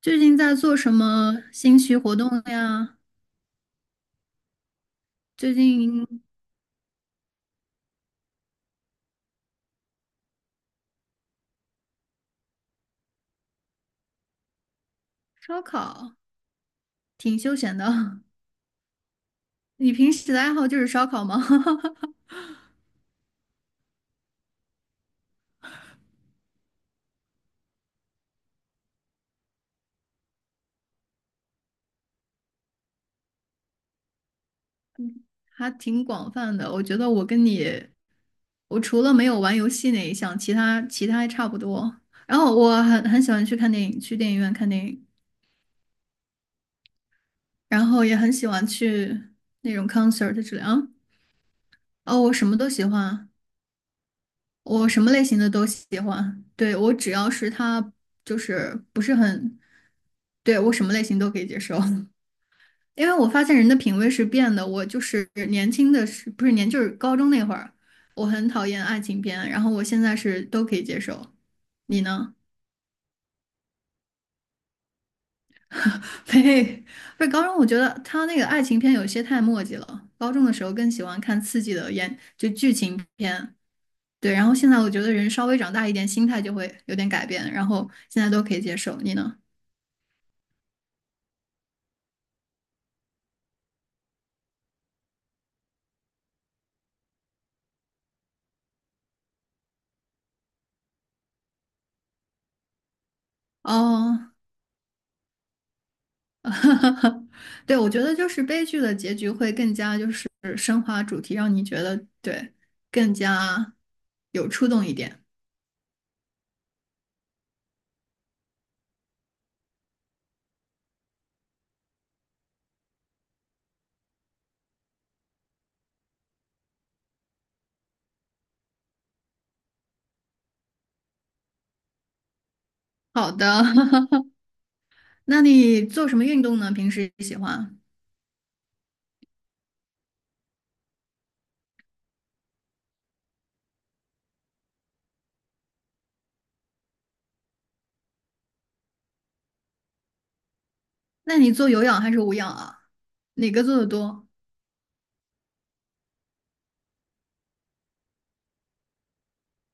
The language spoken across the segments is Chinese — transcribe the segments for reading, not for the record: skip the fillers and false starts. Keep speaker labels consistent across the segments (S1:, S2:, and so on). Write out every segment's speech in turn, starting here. S1: 最近在做什么兴趣活动呀？最近烧烤挺休闲的。你平时的爱好就是烧烤吗？还挺广泛的。我觉得我跟你，我除了没有玩游戏那一项，其他还差不多。然后我很喜欢去看电影，去电影院看电影，然后也很喜欢去那种 concert 之类啊。哦，我什么都喜欢。我什么类型的都喜欢，对，我只要是他就是不是很，对，我什么类型都可以接受，因为我发现人的品味是变的。我就是年轻的时，不是年，就是高中那会儿，我很讨厌爱情片，然后我现在是都可以接受。你呢？呸，不是高中，我觉得他那个爱情片有些太墨迹了。高中的时候更喜欢看刺激的演，就剧情片。对，然后现在我觉得人稍微长大一点，心态就会有点改变，然后现在都可以接受。你呢？哦，对，我觉得就是悲剧的结局会更加就是升华主题，让你觉得对更加有触动一点。好的，那你做什么运动呢？平时喜欢？那你做有氧还是无氧啊？哪个做的多？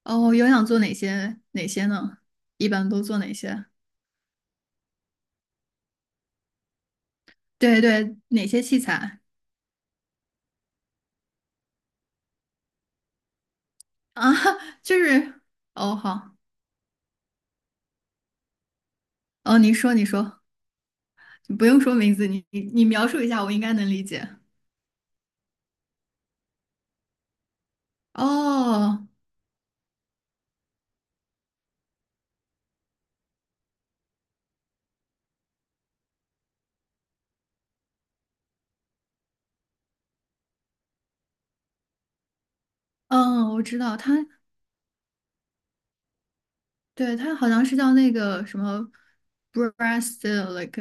S1: 哦，有氧做哪些呢？一般都做哪些？对对，哪些器材？啊，就是哦，好哦，你说你说，你不用说名字，你描述一下，我应该能理解。哦，嗯，我知道，他对他好像是叫那个什么 breast like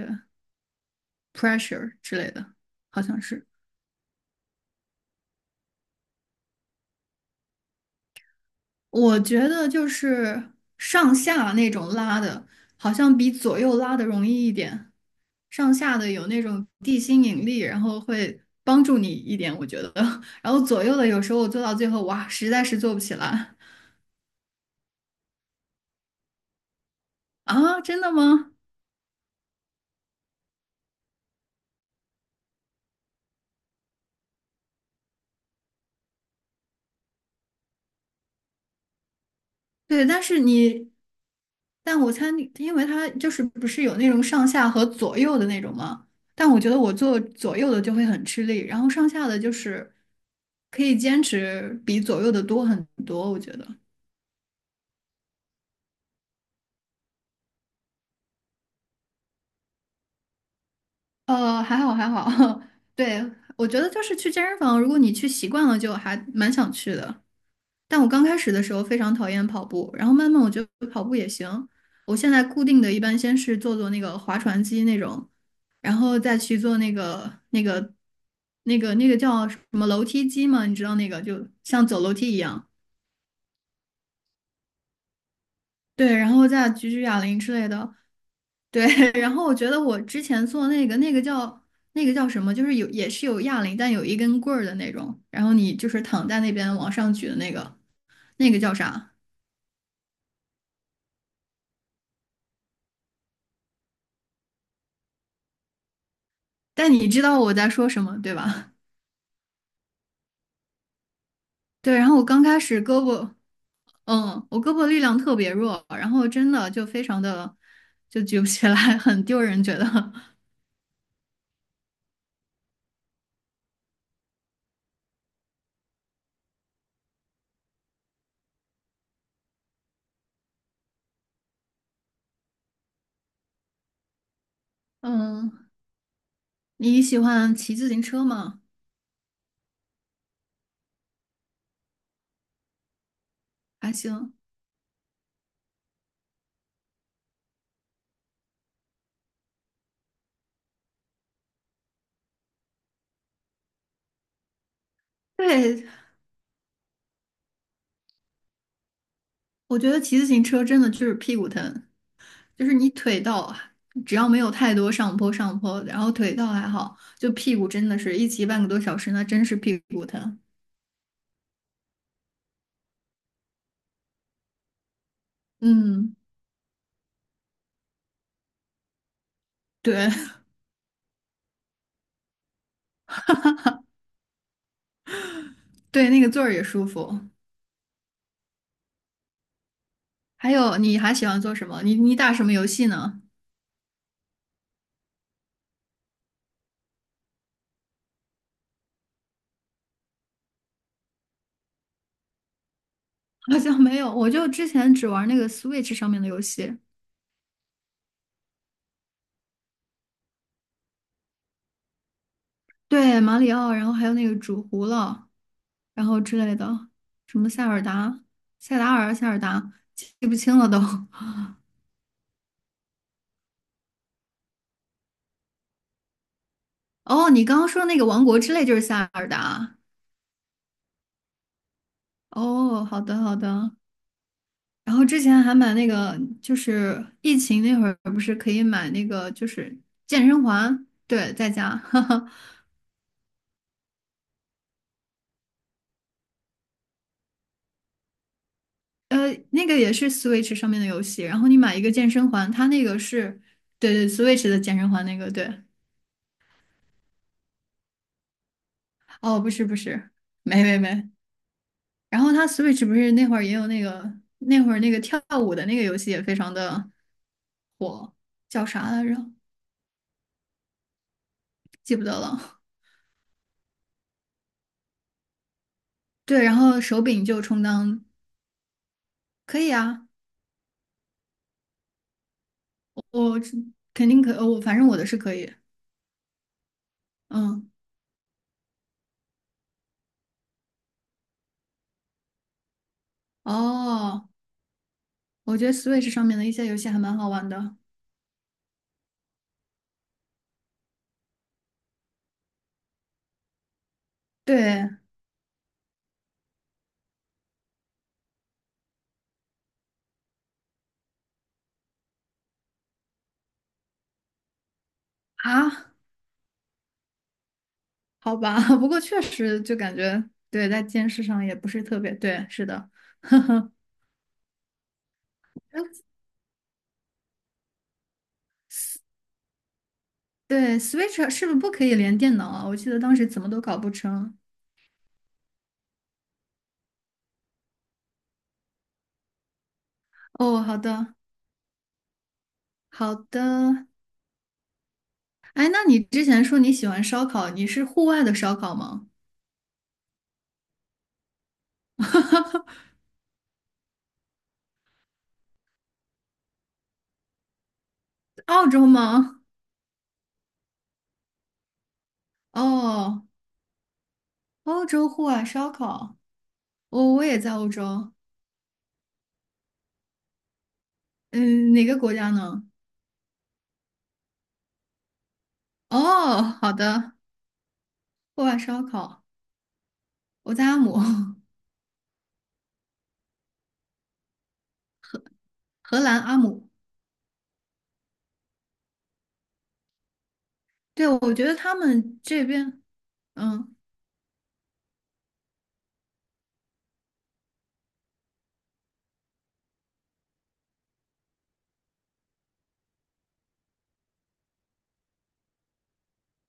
S1: pressure 之类的，好像是。我觉得就是上下那种拉的，好像比左右拉的容易一点。上下的有那种地心引力，然后会帮助你一点，我觉得。然后左右的有时候我做到最后，哇，实在是做不起来啊！真的吗？对，但是你，但我猜你，因为它就是不是有那种上下和左右的那种吗？但我觉得我做左右的就会很吃力，然后上下的就是可以坚持比左右的多很多，我觉得。还好还好，对，我觉得就是去健身房，如果你去习惯了，就还蛮想去的。但我刚开始的时候非常讨厌跑步，然后慢慢我觉得跑步也行。我现在固定的一般先是做做那个划船机那种，然后再去做那个叫什么楼梯机嘛，你知道那个就像走楼梯一样。对，然后再举举哑铃之类的。对，然后我觉得我之前做那个叫那个叫什么，就是有也是有哑铃，但有一根棍儿的那种，然后你就是躺在那边往上举的那个，那个叫啥？但你知道我在说什么，对吧？对，然后我刚开始胳膊，嗯，我胳膊力量特别弱，然后真的就非常的就举不起来，很丢人，觉得。嗯，你喜欢骑自行车吗？还行。对，我觉得骑自行车真的就是屁股疼，就是你腿倒，只要没有太多上坡，然后腿倒还好，就屁股真的是一骑半个多小时，那真是屁股疼。嗯，对 对，那个座儿也舒服。还有，你还喜欢做什么？你打什么游戏呢？好像没有，我就之前只玩那个 Switch 上面的游戏，对，马里奥，然后还有那个煮糊了，然后之类的，什么塞尔达、塞达尔、塞尔达，记不清了都。哦，你刚刚说那个王国之泪就是塞尔达。哦，好的好的。然后之前还买那个，就是疫情那会儿不是可以买那个，就是健身环，对，在家。呃，那个也是 Switch 上面的游戏，然后你买一个健身环，它那个是，对对，Switch 的健身环那个，对，哦，不是不是，没没没，然后它 Switch 不是那会儿也有那个那会儿那个跳舞的那个游戏也非常的火，叫啥来着？记不得了。对，然后手柄就充当可以啊，我肯定可,我反正我的是可以，嗯，哦，我觉得 Switch 上面的一些游戏还蛮好玩的，对啊，好吧，不过确实就感觉对，在电视上也不是特别对，是的，对，Switch 是不是不可以连电脑啊？我记得当时怎么都搞不成。哦，好的，好的。哎，那你之前说你喜欢烧烤，你是户外的烧烤吗？澳洲吗？哦，欧洲户外烧烤。哦，我也在欧洲。嗯，哪个国家呢？哦，好的，户外烧烤。我在阿姆，荷兰阿姆。对，我觉得他们这边，嗯，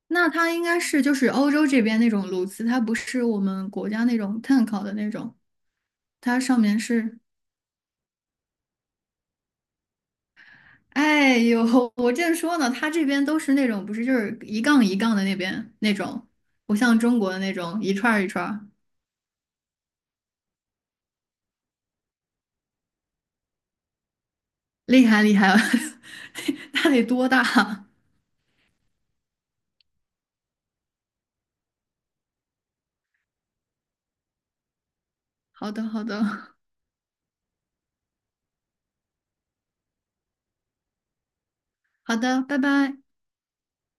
S1: 那它应该是就是欧洲这边那种炉子，它不是我们国家那种碳烤的那种，它上面是，哎呦，我正说呢，它这边都是那种不是就是一杠一杠的那边那种，不像中国的那种一串儿一串儿，厉害厉害，它得多大？好的好的 好的，拜拜。